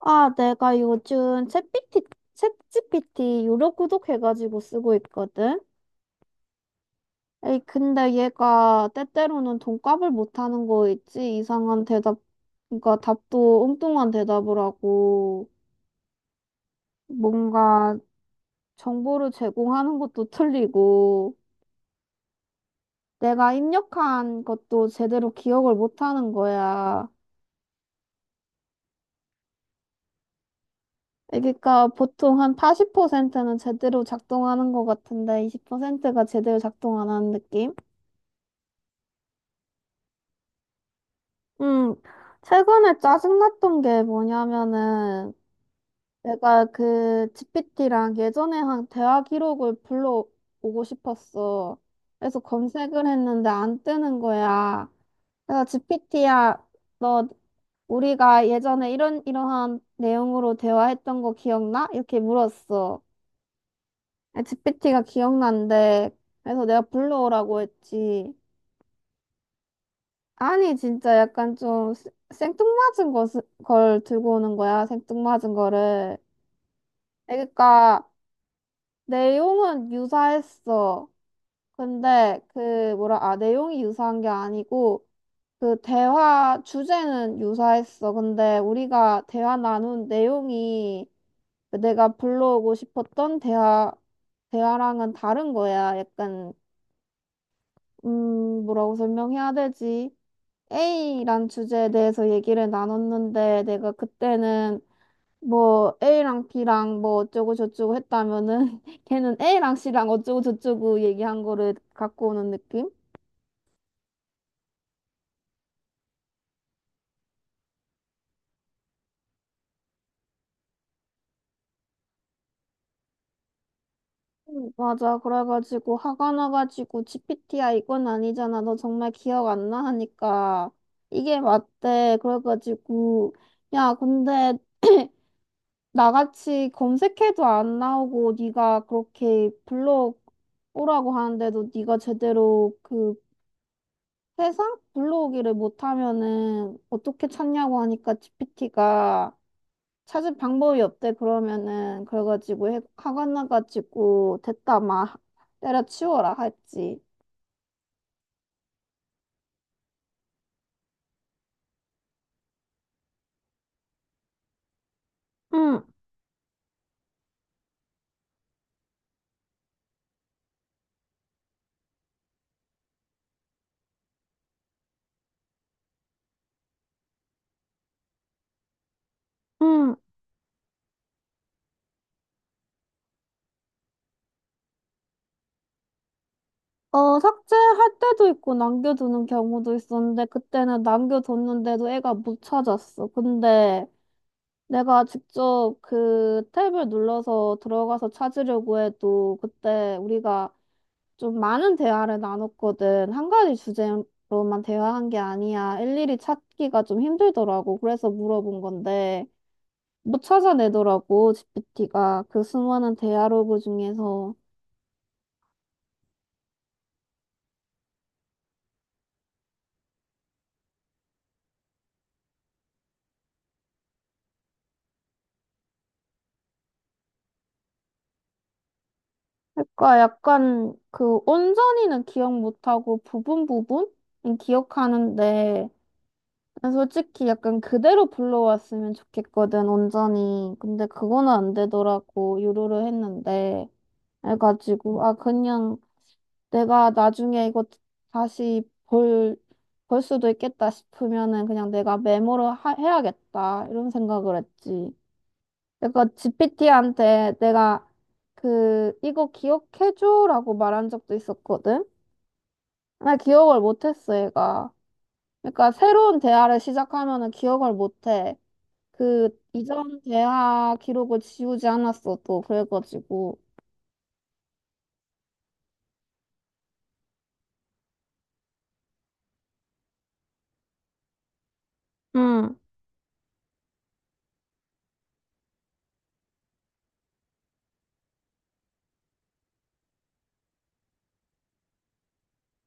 아, 내가 요즘 챗피티, 챗GPT 유료 구독해가지고 쓰고 있거든? 에이, 근데 얘가 때때로는 돈값을 못하는 거 있지? 이상한 대답, 그러니까 답도 엉뚱한 대답을 하고, 뭔가 정보를 제공하는 것도 틀리고, 내가 입력한 것도 제대로 기억을 못하는 거야. 그러니까 보통 한 80%는 제대로 작동하는 것 같은데 20%가 제대로 작동 안 하는 느낌? 음, 최근에 짜증났던 게 뭐냐면은, 내가 그 GPT랑 예전에 한 대화 기록을 불러오고 싶었어. 그래서 검색을 했는데 안 뜨는 거야. 그래서 GPT야, 너, 우리가 예전에 이러한 내용으로 대화했던 거 기억나? 이렇게 물었어. GPT가 기억난대. 그래서 내가 불러오라고 했지. 아니, 진짜 약간 좀 생뚱맞은 걸 들고 오는 거야, 생뚱맞은 거를. 그러니까, 내용은 유사했어. 근데, 내용이 유사한 게 아니고, 주제는 유사했어. 근데, 우리가 대화 나눈 내용이 그 내가 불러오고 싶었던 대화랑은 다른 거야. 약간, 뭐라고 설명해야 되지? A란 주제에 대해서 얘기를 나눴는데 내가 그때는 뭐 A랑 B랑 뭐 어쩌고 저쩌고 했다면은 걔는 A랑 C랑 어쩌고 저쩌고 얘기한 거를 갖고 오는 느낌? 맞아. 그래가지고 화가 나가지고 GPT야 이건 아니잖아. 너 정말 기억 안 나? 하니까 이게 맞대. 그래가지고 야 근데 나같이 검색해도 안 나오고 네가 그렇게 블로그 오라고 하는데도 네가 제대로 그 세상 블로그를 못하면은 어떻게 찾냐고 하니까 GPT가 찾을 방법이 없대 그러면은 그래가지고 화가 나가지고 됐다 막 때려치워라 했지. 응, 응. 어, 삭제할 때도 있고 남겨두는 경우도 있었는데 그때는 남겨뒀는데도 애가 못 찾았어. 근데 내가 직접 그 탭을 눌러서 들어가서 찾으려고 해도 그때 우리가 좀 많은 대화를 나눴거든. 한 가지 주제로만 대화한 게 아니야. 일일이 찾기가 좀 힘들더라고. 그래서 물어본 건데 못 찾아내더라고, GPT가. 그 수많은 대화로그 중에서. 그러니까 약간 그 온전히는 기억 못하고 부분 부분? 은 기억하는데 난 솔직히 약간 그대로 불러왔으면 좋겠거든, 온전히. 근데 그거는 안 되더라고, 유료로 했는데. 해가지고, 아, 그냥 내가 나중에 이거 다시 볼 수도 있겠다 싶으면은 그냥 내가 메모로 해야겠다, 이런 생각을 했지. 내가 GPT한테 내가 이거 기억해줘라고 말한 적도 있었거든? 나 기억을 못했어, 얘가. 그러니까 새로운 대화를 시작하면은 기억을 못해. 그 이전 대화 기록을 지우지 않았어도 그래가지고 응,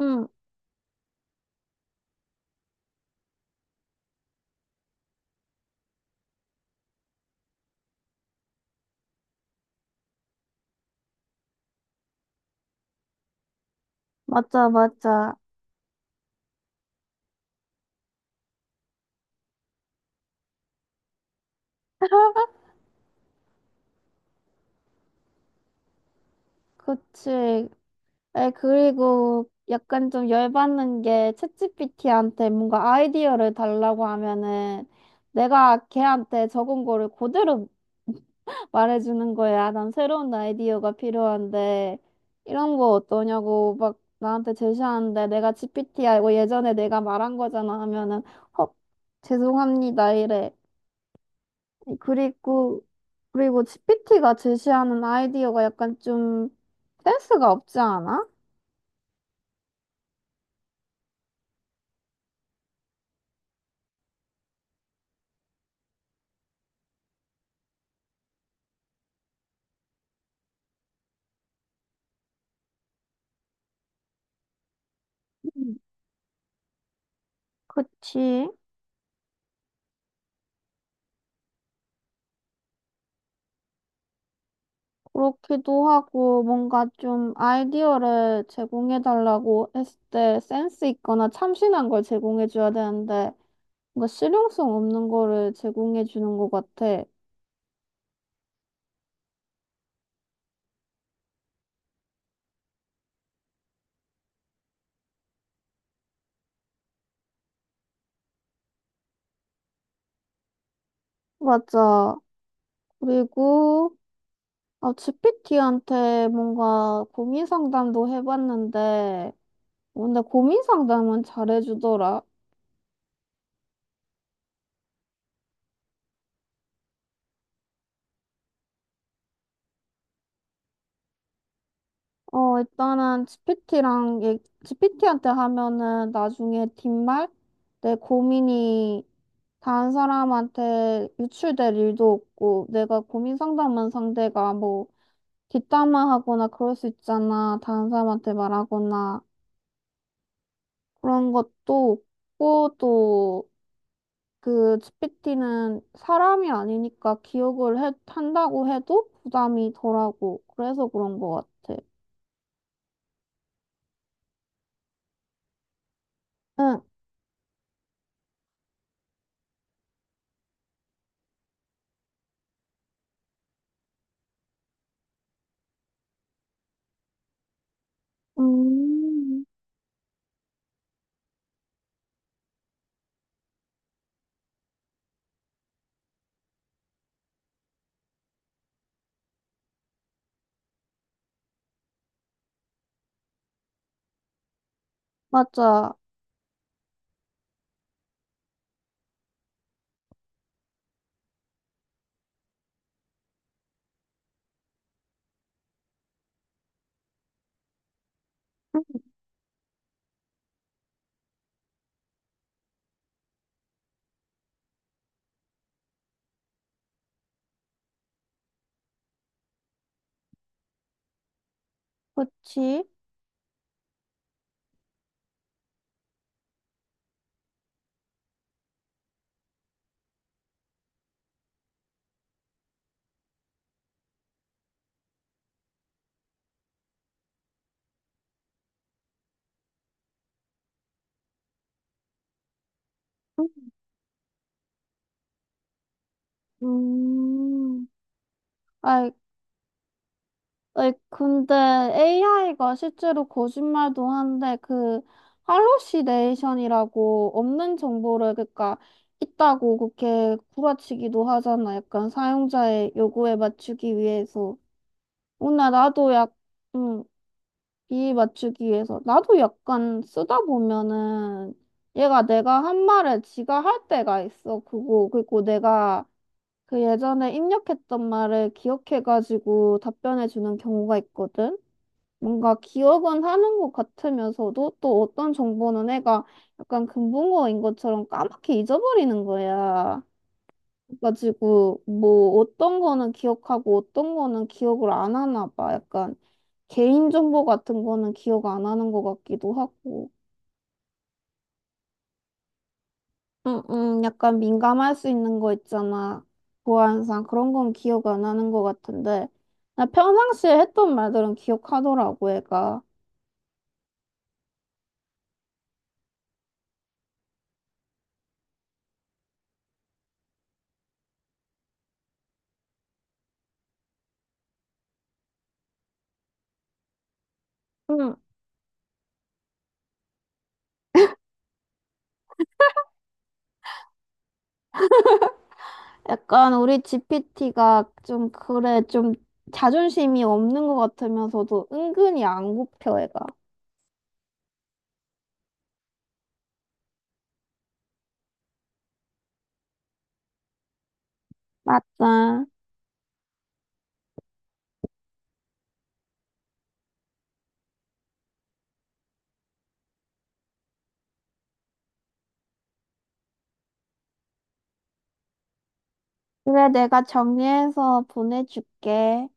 응, 맞아, 맞아. 그치. 에 그리고 약간 좀 열받는 게 챗GPT한테 뭔가 아이디어를 달라고 하면은 내가 걔한테 적은 거를 그대로 말해주는 거야. 난 새로운 아이디어가 필요한데, 이런 거 어떠냐고 막 나한테 제시하는데, 내가 GPT 알고 예전에 내가 말한 거잖아 하면은, 어, 죄송합니다 이래. 그리고, 그리고, GPT가 제시하는 아이디어가 약간 좀 센스가 없지 않아? 음, 그치. 그렇기도 하고, 뭔가 좀 아이디어를 제공해달라고 했을 때 센스 있거나 참신한 걸 제공해줘야 되는데, 뭔가 실용성 없는 거를 제공해 주는 것 같아. 맞아. 그리고 아, GPT한테 뭔가 고민 상담도 해봤는데, 근데 고민 상담은 잘해주더라. 어, 일단은 GPT랑, GPT한테 하면은 나중에 뒷말? 내 고민이 다른 사람한테 유출될 일도 없고, 내가 고민 상담한 상대가 뭐 뒷담화하거나 그럴 수 있잖아. 다른 사람한테 말하거나. 그런 것도 없고 또 그 GPT는 사람이 아니니까 기억을 한다고 해도 부담이 덜하고 그래서 그런 것 같아. 응, 음, 맞아. 음, 그치? 음. 음, 아, 아니, 근데 AI가 실제로 거짓말도 한데 그 할로시네이션이라고 없는 정보를 그러니까 있다고 그렇게 구라치기도 하잖아. 약간 사용자의 요구에 맞추기 위해서. 오늘 나도 음, 이 맞추기 위해서. 나도 약간 쓰다 보면은 얘가 내가 한 말을 지가 할 때가 있어. 그거 그리고 내가 그 예전에 입력했던 말을 기억해가지고 답변해 주는 경우가 있거든. 뭔가 기억은 하는 것 같으면서도 또 어떤 정보는 애가 약간 금붕어인 것처럼 까맣게 잊어버리는 거야. 그래가지고 뭐 어떤 거는 기억하고 어떤 거는 기억을 안 하나 봐. 약간 개인정보 같은 거는 기억 안 하는 것 같기도 하고. 응응, 약간 민감할 수 있는 거 있잖아. 보안상 그런 건 기억 안 하는 것 같은데. 나 평상시에 했던 말들은 기억하더라고, 애가. 응, 약간 우리 GPT가 좀 그래 좀 자존심이 없는 것 같으면서도 은근히 안 굽혀 애가. 맞아. 그래 내가 정리해서 보내줄게.